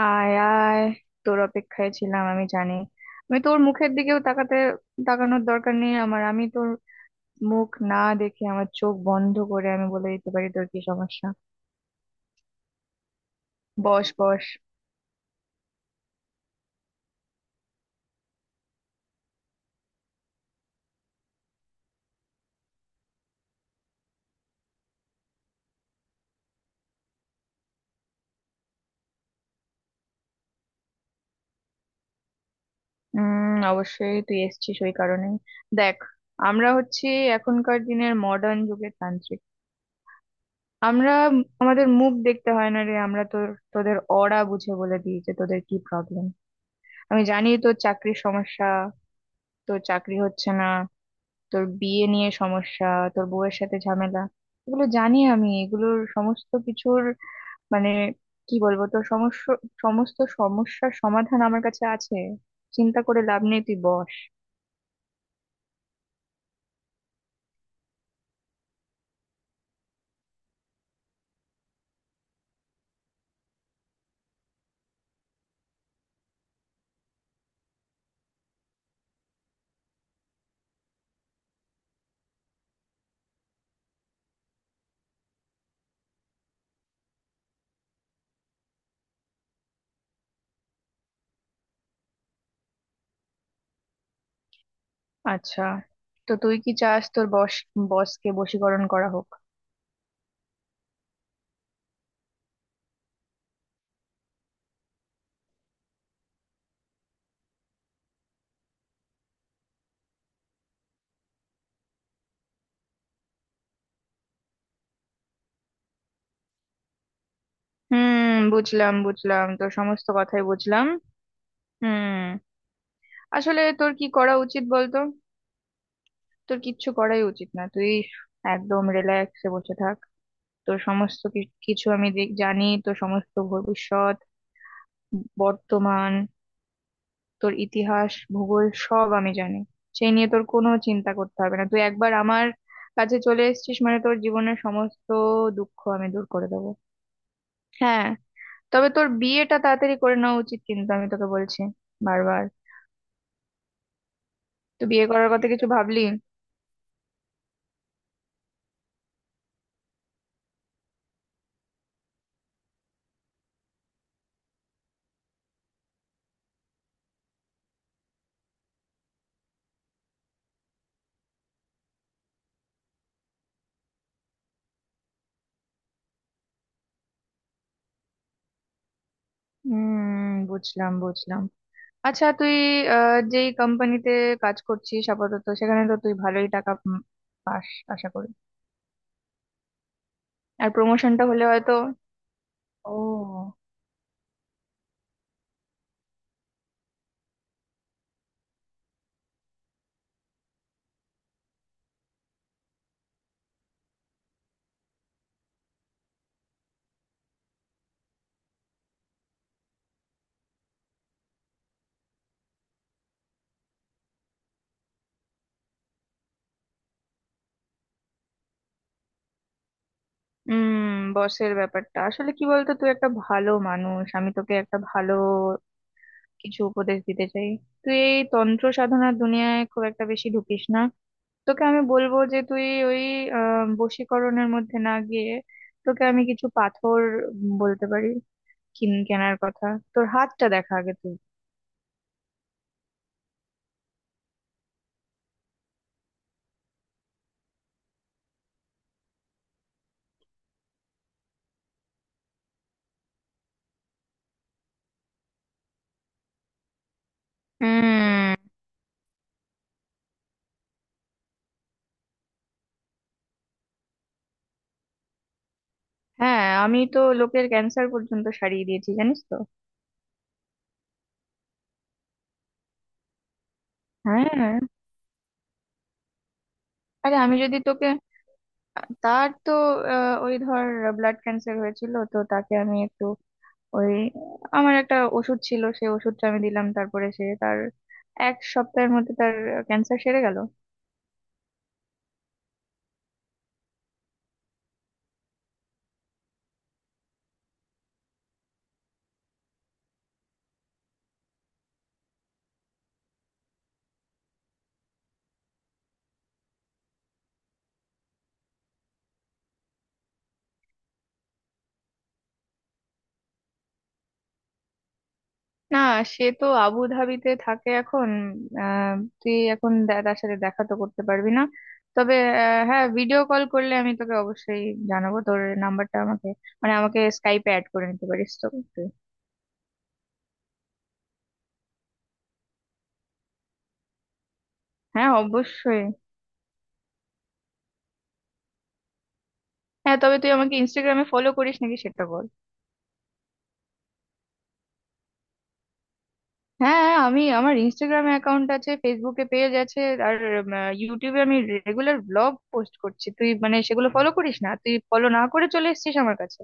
আয় আয়, তোর অপেক্ষায় ছিলাম। আমি জানি আমি তোর মুখের দিকেও তাকানোর দরকার নেই আমার। আমি তোর মুখ না দেখে আমার চোখ বন্ধ করে আমি বলে দিতে পারি তোর কি সমস্যা। বস বস। অবশ্যই তুই এসেছিস ওই কারণে। দেখ, আমরা হচ্ছি এখনকার দিনের মডার্ন যুগের তান্ত্রিক। আমরা আমাদের মুখ দেখতে হয় না রে, আমরা তোদের অরা বুঝে বলে দিই যে তোদের কি প্রবলেম। আমি জানি তোর চাকরির সমস্যা, তোর চাকরি হচ্ছে না, তোর বিয়ে নিয়ে সমস্যা, তোর বউয়ের সাথে ঝামেলা। এগুলো জানি আমি। এগুলোর সমস্ত কিছুর মানে কি বলবো, তোর সমস্যা, সমস্ত সমস্যার সমাধান আমার কাছে আছে। চিন্তা করে লাভ নেই, তুই বস। আচ্ছা, তো তুই কি চাস, তোর বসকে বশীকরণ করা হোক? হুম, বুঝলাম বুঝলাম তোর সমস্ত কথাই বুঝলাম। হুম, আসলে তোর কি করা উচিত বলতো? তোর কিচ্ছু করাই উচিত না, তুই একদম রিল্যাক্সে বসে থাক। তো সমস্ত কিছু আমি জানি তো। সমস্ত ভবিষ্যৎ, বর্তমান, তোর ইতিহাস ভূগোল সব আমি জানি। সেই নিয়ে তোর কোনো চিন্তা করতে হবে না, তুই একবার আমার কাছে চলে এসেছিস মানে তোর জীবনের সমস্ত দুঃখ আমি দূর করে দেবো। হ্যাঁ, তবে তোর বিয়েটা তাড়াতাড়ি করে নেওয়া উচিত, কিন্তু আমি তোকে বলছি বারবার। তুই বিয়ে করার কথা কিছু ভাবলি? হুম, বুঝলাম বুঝলাম। আচ্ছা, তুই যেই কোম্পানিতে কাজ করছিস আপাতত সেখানে তো তুই ভালোই টাকা পাস আশা করি। আর প্রমোশনটা হলে হয়তো। ও। বসের ব্যাপারটা আসলে কি বলতো, তুই একটা ভালো মানুষ, আমি তোকে একটা ভালো কিছু উপদেশ দিতে চাই। তুই এই তন্ত্র সাধনার দুনিয়ায় খুব একটা বেশি ঢুকিস না। তোকে আমি বলবো যে তুই ওই বশীকরণের মধ্যে না গিয়ে, তোকে আমি কিছু পাথর বলতে পারি কিন কেনার কথা। তোর হাতটা দেখা আগে তুই। উম হ্যাঁ, আমি তো লোকের ক্যান্সার পর্যন্ত সারিয়ে দিয়েছি জানিস তো। হ্যাঁ। আরে আমি যদি তোকে, তার তো ওই ধর ব্লাড ক্যান্সার হয়েছিল, তো তাকে আমি একটু ওই আমার একটা ওষুধ ছিল, সে ওষুধটা আমি দিলাম, তারপরে সে তার এক সপ্তাহের মধ্যে তার ক্যান্সার সেরে গেল। না, সে তো আবু ধাবিতে থাকে এখন। আহ তুই এখন তার সাথে দেখা তো করতে পারবি না। তবে হ্যাঁ, ভিডিও কল করলে আমি তোকে অবশ্যই জানাবো। তোর নাম্বারটা আমাকে, মানে আমাকে স্কাইপে অ্যাড করে নিতে পারিস তো তুই। হ্যাঁ অবশ্যই। হ্যাঁ, তবে তুই আমাকে ইনস্টাগ্রামে ফলো করিস নাকি সেটা বল। হ্যাঁ, আমি আমার ইনস্টাগ্রামে অ্যাকাউন্ট আছে, ফেসবুকে পেজ আছে। আর ইউটিউবে আমি রেগুলার ব্লগ পোস্ট করছি। তুই মানে সেগুলো ফলো করিস না, তুই ফলো না করে চলে এসেছিস আমার কাছে।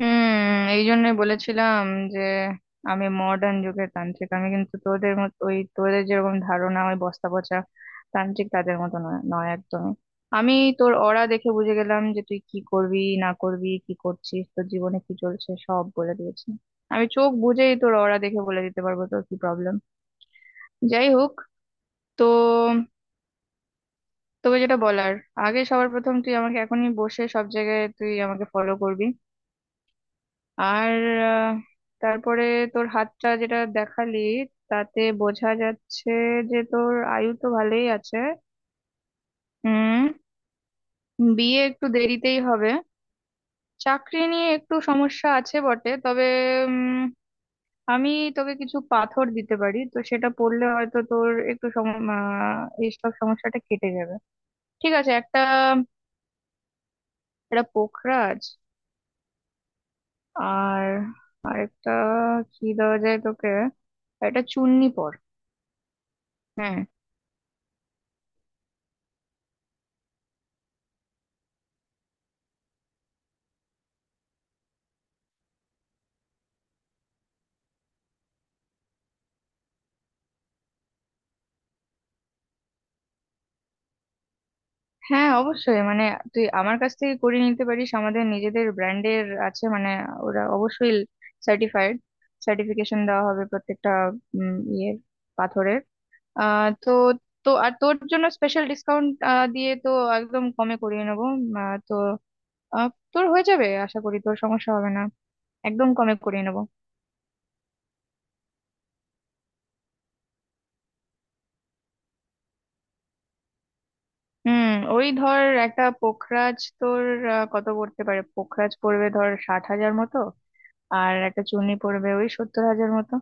হুম, এই জন্যই বলেছিলাম যে আমি মডার্ন যুগের তান্ত্রিক। আমি কিন্তু তোদের মত ওই তোদের যেরকম ধারণা ওই বস্তা পচা তান্ত্রিক, তাদের মতো নয়, নয় একদমই। আমি তোর অরা দেখে বুঝে গেলাম যে তুই কি করবি না করবি, কি করছিস, তোর জীবনে কি চলছে সব বলে দিয়েছি। আমি চোখ বুঝেই তোর অরা দেখে বলে দিতে পারবো তোর কি প্রবলেম। যাই হোক, তো তোকে যেটা বলার, আগে সবার প্রথম তুই আমাকে এখনই বসে সব জায়গায় তুই আমাকে ফলো করবি। আর আহ, তারপরে তোর হাতটা যেটা দেখালি, তাতে বোঝা যাচ্ছে যে তোর আয়ু তো ভালোই আছে। হুম, বিয়ে একটু দেরিতেই হবে, চাকরি নিয়ে একটু সমস্যা আছে বটে, তবে উম, আমি তোকে কিছু পাথর দিতে পারি তো, সেটা পড়লে হয়তো তোর একটু এইসব সমস্যাটা কেটে যাবে। ঠিক আছে, একটা এটা পোখরাজ, আর আরেকটা কি দেওয়া যায় তোকে, একটা চুন্নি পর। হ্যাঁ, হ্যাঁ অবশ্যই, মানে তুই আমার কাছ থেকে করে নিতে পারিস। আমাদের নিজেদের ব্র্যান্ডের আছে, মানে ওরা অবশ্যই সার্টিফাইড, সার্টিফিকেশন দেওয়া হবে প্রত্যেকটা ইয়ের পাথরের। তো তো আর তোর জন্য স্পেশাল ডিসকাউন্ট দিয়ে তো একদম কমে করিয়ে নেবো। তো তোর হয়ে যাবে, আশা করি তোর সমস্যা হবে না। একদম কমে করিয়ে নেবো। হুম, ওই ধর একটা পোখরাজ তোর কত পড়তে পারে, পোখরাজ পড়বে ধর 60,000 মতো, আর একটা চুনি পড়বে ওই 70,000 মতো।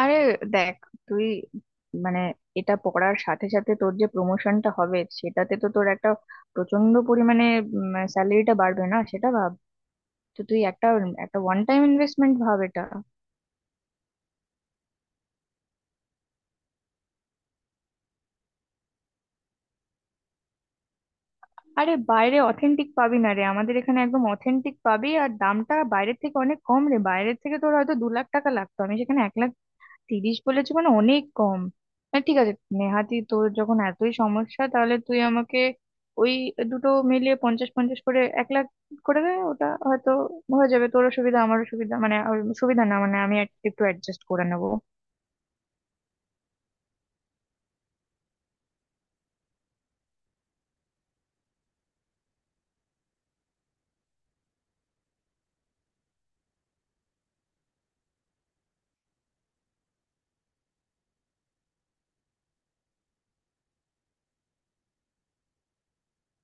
আরে দেখ, তুই মানে এটা পড়ার সাথে সাথে তোর যে প্রমোশনটা হবে সেটাতে তো তোর একটা প্রচন্ড পরিমাণে স্যালারিটা বাড়বে না সেটা ভাব। তো তুই একটা একটা ওয়ান টাইম ইনভেস্টমেন্ট ভাব এটা। আরে বাইরে অথেন্টিক পাবি না রে, আমাদের এখানে একদম অথেন্টিক পাবি, আর দামটা বাইরের থেকে অনেক কম রে। বাইরের থেকে তোর হয়তো 2 লাখ টাকা লাগতো, আমি সেখানে 1,30,000 বলেছো মানে অনেক কম। হ্যাঁ ঠিক আছে, নেহাতি তোর যখন এতই সমস্যা তাহলে তুই আমাকে ওই দুটো মিলিয়ে 50, 50 করে 1,00,000 করে দে, ওটা হয়তো হয়ে যাবে। তোরও সুবিধা আমারও সুবিধা, মানে আর সুবিধা না, মানে আমি একটু অ্যাডজাস্ট করে নেবো।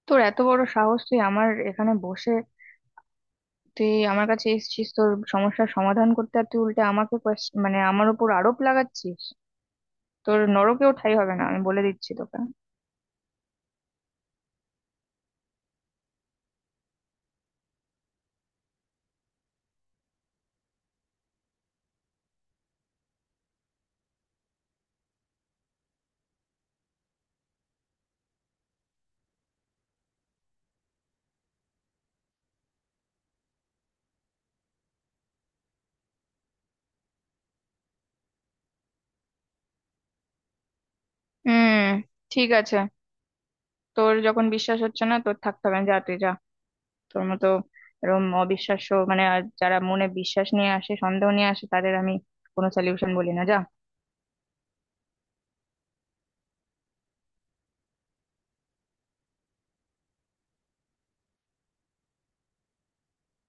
তোর এত বড় সাহস তুই আমার এখানে বসে, তুই আমার কাছে এসেছিস তোর সমস্যার সমাধান করতে, আর তুই উল্টে আমাকে মানে আমার উপর আরোপ লাগাচ্ছিস! তোর নরকেও ঠাঁই হবে না, আমি বলে দিচ্ছি তোকে। হুম, ঠিক আছে, তোর যখন বিশ্বাস হচ্ছে না, তোর থাকতে হবে না, যা, তুই যা। তোর মতো এরকম অবিশ্বাস্য, মানে আর যারা মনে বিশ্বাস নিয়ে আসে সন্দেহ নিয়ে আসে তাদের আমি কোনো সলিউশন বলি না, যা।